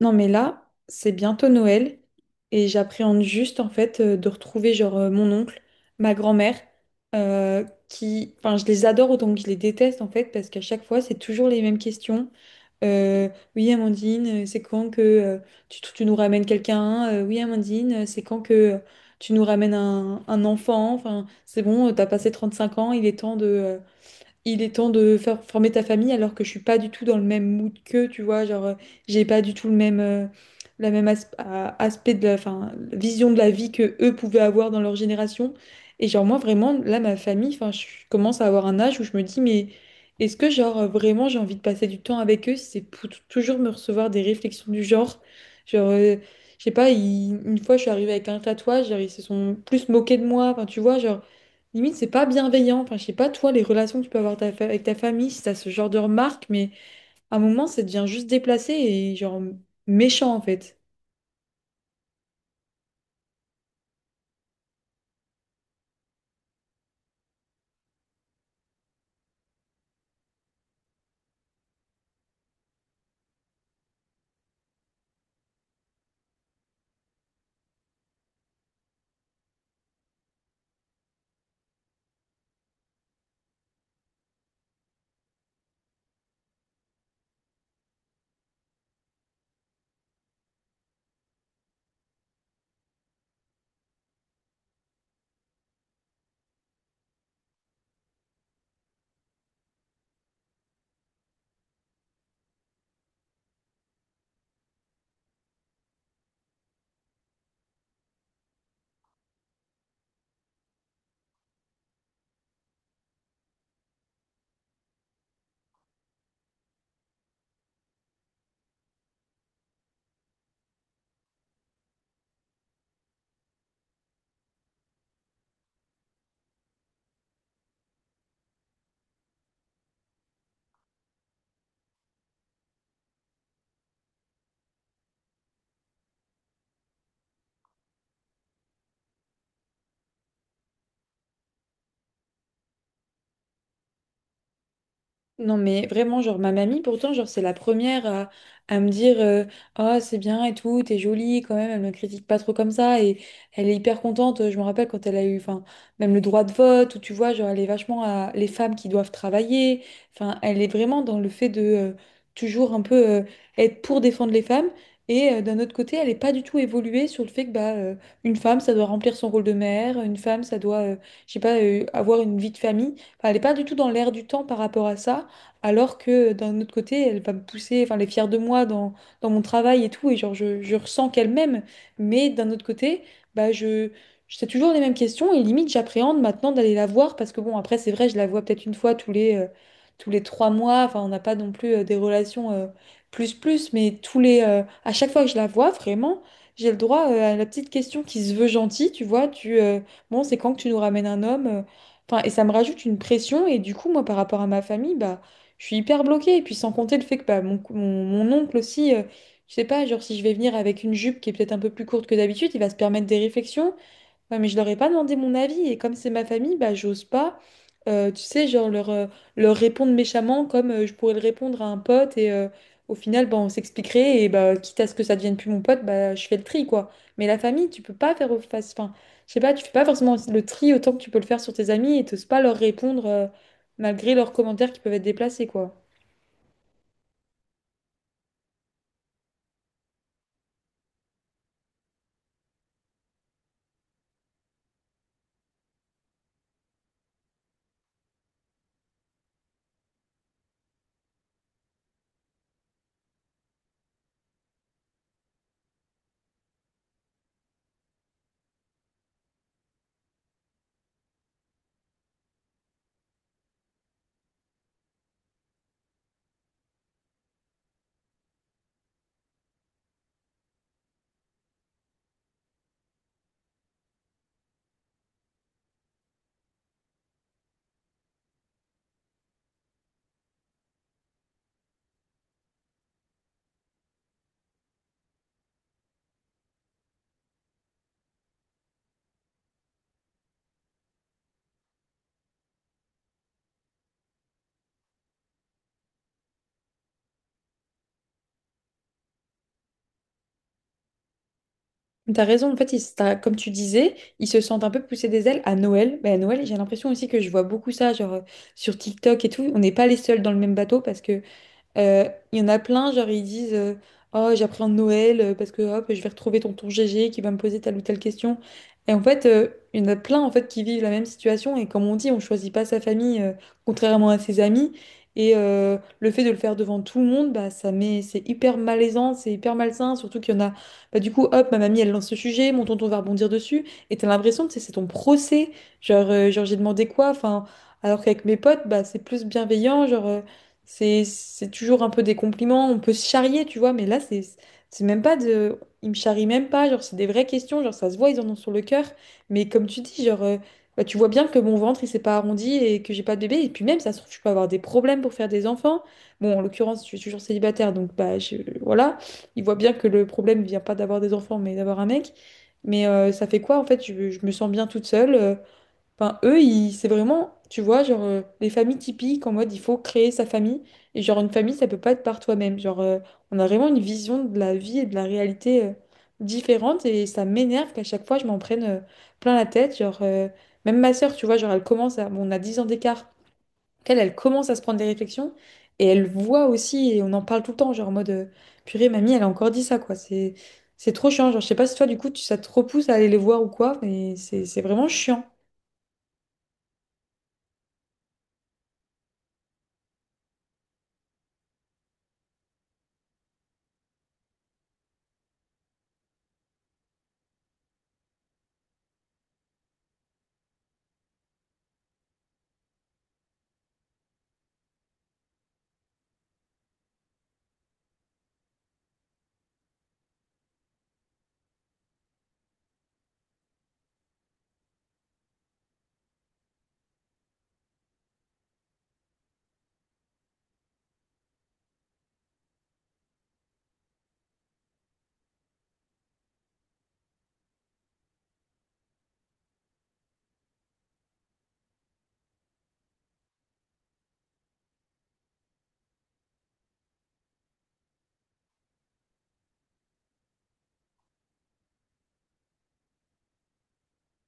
Non, mais là, c'est bientôt Noël et j'appréhende juste en fait de retrouver genre mon oncle, ma grand-mère, euh, qui, enfin, je les adore autant que je les déteste en fait parce qu'à chaque fois, c'est toujours les mêmes questions. Euh, oui, Amandine, c'est quand que tu nous ramènes quelqu'un? Oui, Amandine, c'est quand que tu nous ramènes un enfant? Enfin, c'est bon, t'as passé 35 ans, il est temps de, il est temps de faire former ta famille alors que je suis pas du tout dans le même mood que tu vois genre j'ai pas du tout le même la même aspect de la enfin, vision de la vie que eux pouvaient avoir dans leur génération et genre moi vraiment là ma famille enfin je commence à avoir un âge où je me dis mais est-ce que genre vraiment j'ai envie de passer du temps avec eux si c'est pour toujours me recevoir des réflexions du genre genre euh, je sais pas une fois je suis arrivée avec un tatouage genre, ils se sont plus moqués de moi enfin tu vois genre limite, c'est pas bienveillant. Enfin, je sais pas, toi, les relations que tu peux avoir ta avec ta famille, si t'as ce genre de remarques, mais à un moment, ça devient juste déplacé et genre méchant, en fait. Non mais vraiment genre ma mamie pourtant genre c'est la première à me dire oh c'est bien et tout t'es jolie quand même elle me critique pas trop comme ça et elle est hyper contente je me rappelle quand elle a eu enfin même le droit de vote où tu vois genre elle est vachement à les femmes qui doivent travailler enfin elle est vraiment dans le fait de toujours un peu être pour défendre les femmes et d'un autre côté elle est pas du tout évoluée sur le fait que bah une femme ça doit remplir son rôle de mère une femme ça doit je sais pas avoir une vie de famille. Enfin, elle n'est pas du tout dans l'air du temps par rapport à ça alors que d'un autre côté, elle va me pousser, enfin, elle est fière de moi dans, dans mon travail et tout, et genre, je ressens qu'elle m'aime, mais d'un autre côté, bah, c'est toujours les mêmes questions, et limite, j'appréhende maintenant d'aller la voir, parce que bon, après, c'est vrai, je la vois peut-être une fois tous les 3 mois, enfin, on n'a pas non plus des relations plus plus, mais tous les, à chaque fois que je la vois, vraiment, j'ai le droit à la petite question qui se veut gentille, tu vois, bon, c'est quand que tu nous ramènes un homme? Enfin, et ça me rajoute une pression, et du coup, moi, par rapport à ma famille, bah, je suis hyper bloquée. Et puis sans compter le fait que bah, mon oncle aussi, je sais pas, genre si je vais venir avec une jupe qui est peut-être un peu plus courte que d'habitude, il va se permettre des réflexions. Ouais, mais je leur ai pas demandé mon avis. Et comme c'est ma famille, bah, j'ose pas, tu sais, genre leur répondre méchamment comme je pourrais le répondre à un pote. Et au final, bah, on s'expliquerait. Et bah, quitte à ce que ça devienne plus mon pote, bah, je fais le tri, quoi. Mais la famille, tu peux pas faire au face. Enfin, je sais pas, tu fais pas forcément le tri autant que tu peux le faire sur tes amis et t'oses pas leur répondre malgré leurs commentaires qui peuvent être déplacés, quoi. T'as raison, en fait, comme tu disais, ils se sentent un peu poussés des ailes à Noël. Mais à Noël, j'ai l'impression aussi que je vois beaucoup ça, genre sur TikTok et tout. On n'est pas les seuls dans le même bateau parce que il y en a plein, genre ils disent oh, j'appréhende Noël parce que hop, je vais retrouver tonton GG qui va me poser telle ou telle question. Et en fait, il y en a plein en fait qui vivent la même situation. Et comme on dit, on choisit pas sa famille contrairement à ses amis. Et le fait de le faire devant tout le monde, bah, ça met, c'est hyper malaisant, c'est hyper malsain. Surtout qu'il y en a, bah, du coup, hop, ma mamie elle lance ce sujet, mon tonton va rebondir dessus. Et t'as l'impression que c'est ton procès. Genre j'ai demandé quoi? Enfin, alors qu'avec mes potes, bah, c'est plus bienveillant. C'est toujours un peu des compliments, on peut se charrier, tu vois, mais là, c'est même pas de... Ils me charrient même pas, genre, c'est des vraies questions, genre, ça se voit, ils en ont sur le cœur. Mais comme tu dis, bah, tu vois bien que mon ventre, il s'est pas arrondi et que j'ai pas de bébé. Et puis même, ça se trouve, je peux avoir des problèmes pour faire des enfants. Bon, en l'occurrence, je suis toujours célibataire, donc, bah, voilà. Ils voient bien que le problème vient pas d'avoir des enfants, mais d'avoir un mec. Mais ça fait quoi, en fait? Je me sens bien toute seule. Enfin, c'est vraiment, tu vois, les familles typiques en mode il faut créer sa famille. Et genre, une famille, ça peut pas être par toi-même. On a vraiment une vision de la vie et de la réalité différente. Et ça m'énerve qu'à chaque fois, je m'en prenne plein la tête. Même ma sœur, tu vois, genre, elle commence à. Bon, on a 10 ans d'écart. Elle commence à se prendre des réflexions. Et elle voit aussi, et on en parle tout le temps, en mode purée, mamie, elle a encore dit ça, quoi. C'est trop chiant. Je sais pas si toi, du coup, tu, ça te repousse à aller les voir ou quoi, mais c'est vraiment chiant.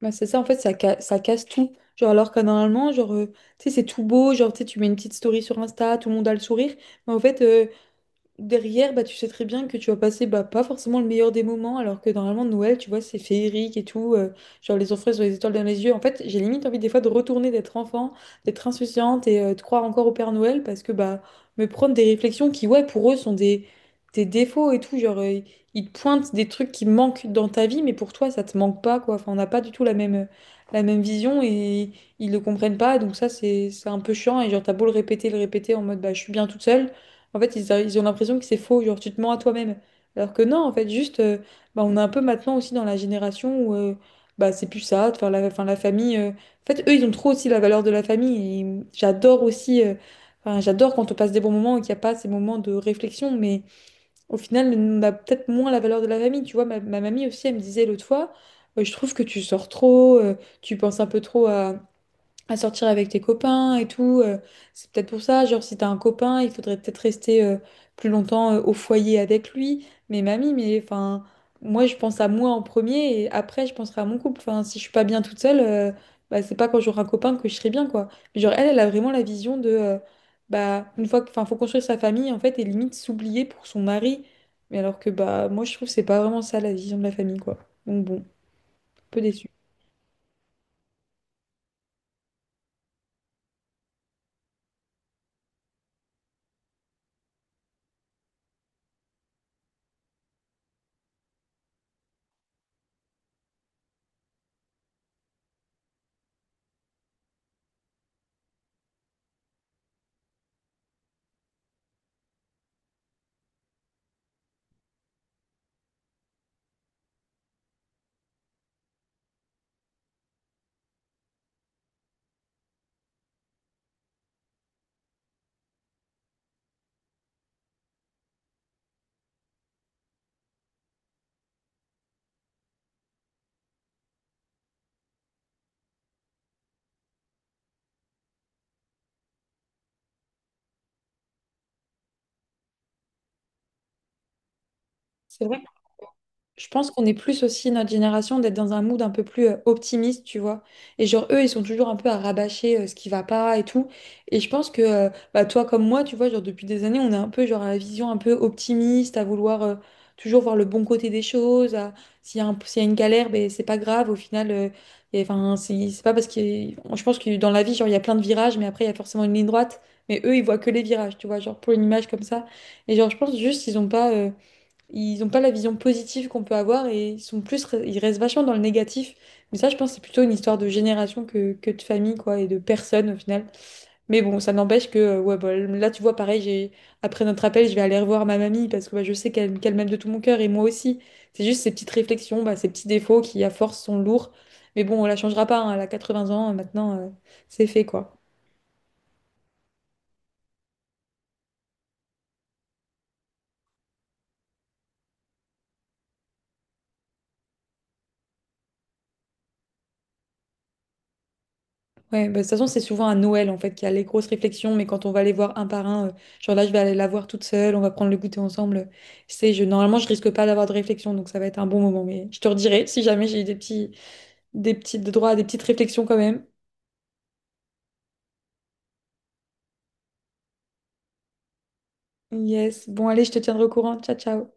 Bah, c'est ça, en fait, ça casse tout. Genre, alors que normalement, genre, tu sais, c'est tout beau, genre, tu sais, tu mets une petite story sur Insta, tout le monde a le sourire. Mais en fait, derrière, bah, tu sais très bien que tu vas passer bah, pas forcément le meilleur des moments, alors que normalement, Noël, tu vois, c'est féerique et tout. Genre, les enfants, ils ont les étoiles dans les yeux. En fait, j'ai limite envie des fois de retourner, d'être enfant, d'être insouciante et de croire encore au Père Noël parce que, bah, me prendre des réflexions qui, ouais, pour eux, sont des défauts et tout. Ils te pointent des trucs qui manquent dans ta vie, mais pour toi, ça te manque pas, quoi. Enfin, on n'a pas du tout la même vision et ils le comprennent pas. Donc, ça, c'est un peu chiant. Et genre, t'as beau le répéter en mode, bah, je suis bien toute seule. En fait, ils ont l'impression que c'est faux, genre tu te mens à toi-même. Alors que non, en fait, juste, bah, on est un peu maintenant aussi dans la génération où bah, c'est plus ça, de faire la, enfin, la famille. En fait, eux, ils ont trop aussi la valeur de la famille. Et j'adore aussi, enfin, j'adore quand on passe des bons moments et qu'il n'y a pas ces moments de réflexion, mais au final, on a peut-être moins la valeur de la famille. Tu vois, ma mamie aussi, elle me disait l'autre fois, je trouve que tu sors trop, tu penses un peu trop à sortir avec tes copains et tout. C'est peut-être pour ça, genre si t'as un copain, il faudrait peut-être rester plus longtemps au foyer avec lui. Mais mamie, mais enfin, moi je pense à moi en premier et après je penserai à mon couple. Enfin, si je suis pas bien toute seule, bah c'est pas quand j'aurai un copain que je serai bien quoi. Mais genre elle a vraiment la vision de bah une fois que, enfin, faut construire sa famille en fait et limite s'oublier pour son mari. Mais alors que bah moi je trouve que c'est pas vraiment ça la vision de la famille quoi. Donc bon, un peu déçu. Je pense qu'on est plus aussi notre génération d'être dans un mood un peu plus optimiste, tu vois. Et genre, eux, ils sont toujours un peu à rabâcher ce qui va pas et tout. Et je pense que, bah, toi comme moi, tu vois, genre, depuis des années, on est un peu, genre, à la vision un peu optimiste, à vouloir toujours voir le bon côté des choses. S'il y a s'il y a une galère, ben, c'est pas grave. Au final, et, enfin, c'est pas parce que. Je pense que dans la vie, genre, il y a plein de virages, mais après, il y a forcément une ligne droite. Mais eux, ils voient que les virages, tu vois, genre, pour une image comme ça. Et genre, je pense juste, ils ont pas. Ils n'ont pas la vision positive qu'on peut avoir et ils sont plus, ils restent vachement dans le négatif. Mais ça, je pense, que c'est plutôt une histoire de génération que de famille, quoi, et de personne au final. Mais bon, ça n'empêche que, ouais, bah, là, tu vois, pareil, après notre appel, je vais aller revoir ma mamie parce que bah, je sais qu'elle m'aime de tout mon cœur et moi aussi. C'est juste ces petites réflexions, bah, ces petits défauts qui, à force, sont lourds. Mais bon, on la changera pas, hein, elle a 20 ans, maintenant, c'est fait, quoi. Ouais, bah, de toute façon, c'est souvent à Noël en fait qu'il y a les grosses réflexions, mais quand on va les voir un par un, genre là, je vais aller la voir toute seule, on va prendre le goûter ensemble. C'est, je, normalement, je risque pas d'avoir de réflexion, donc ça va être un bon moment. Mais je te redirai si jamais j'ai eu des petits, des petits des droits à des petites réflexions quand même. Yes, bon, allez, je te tiendrai au courant. Ciao, ciao.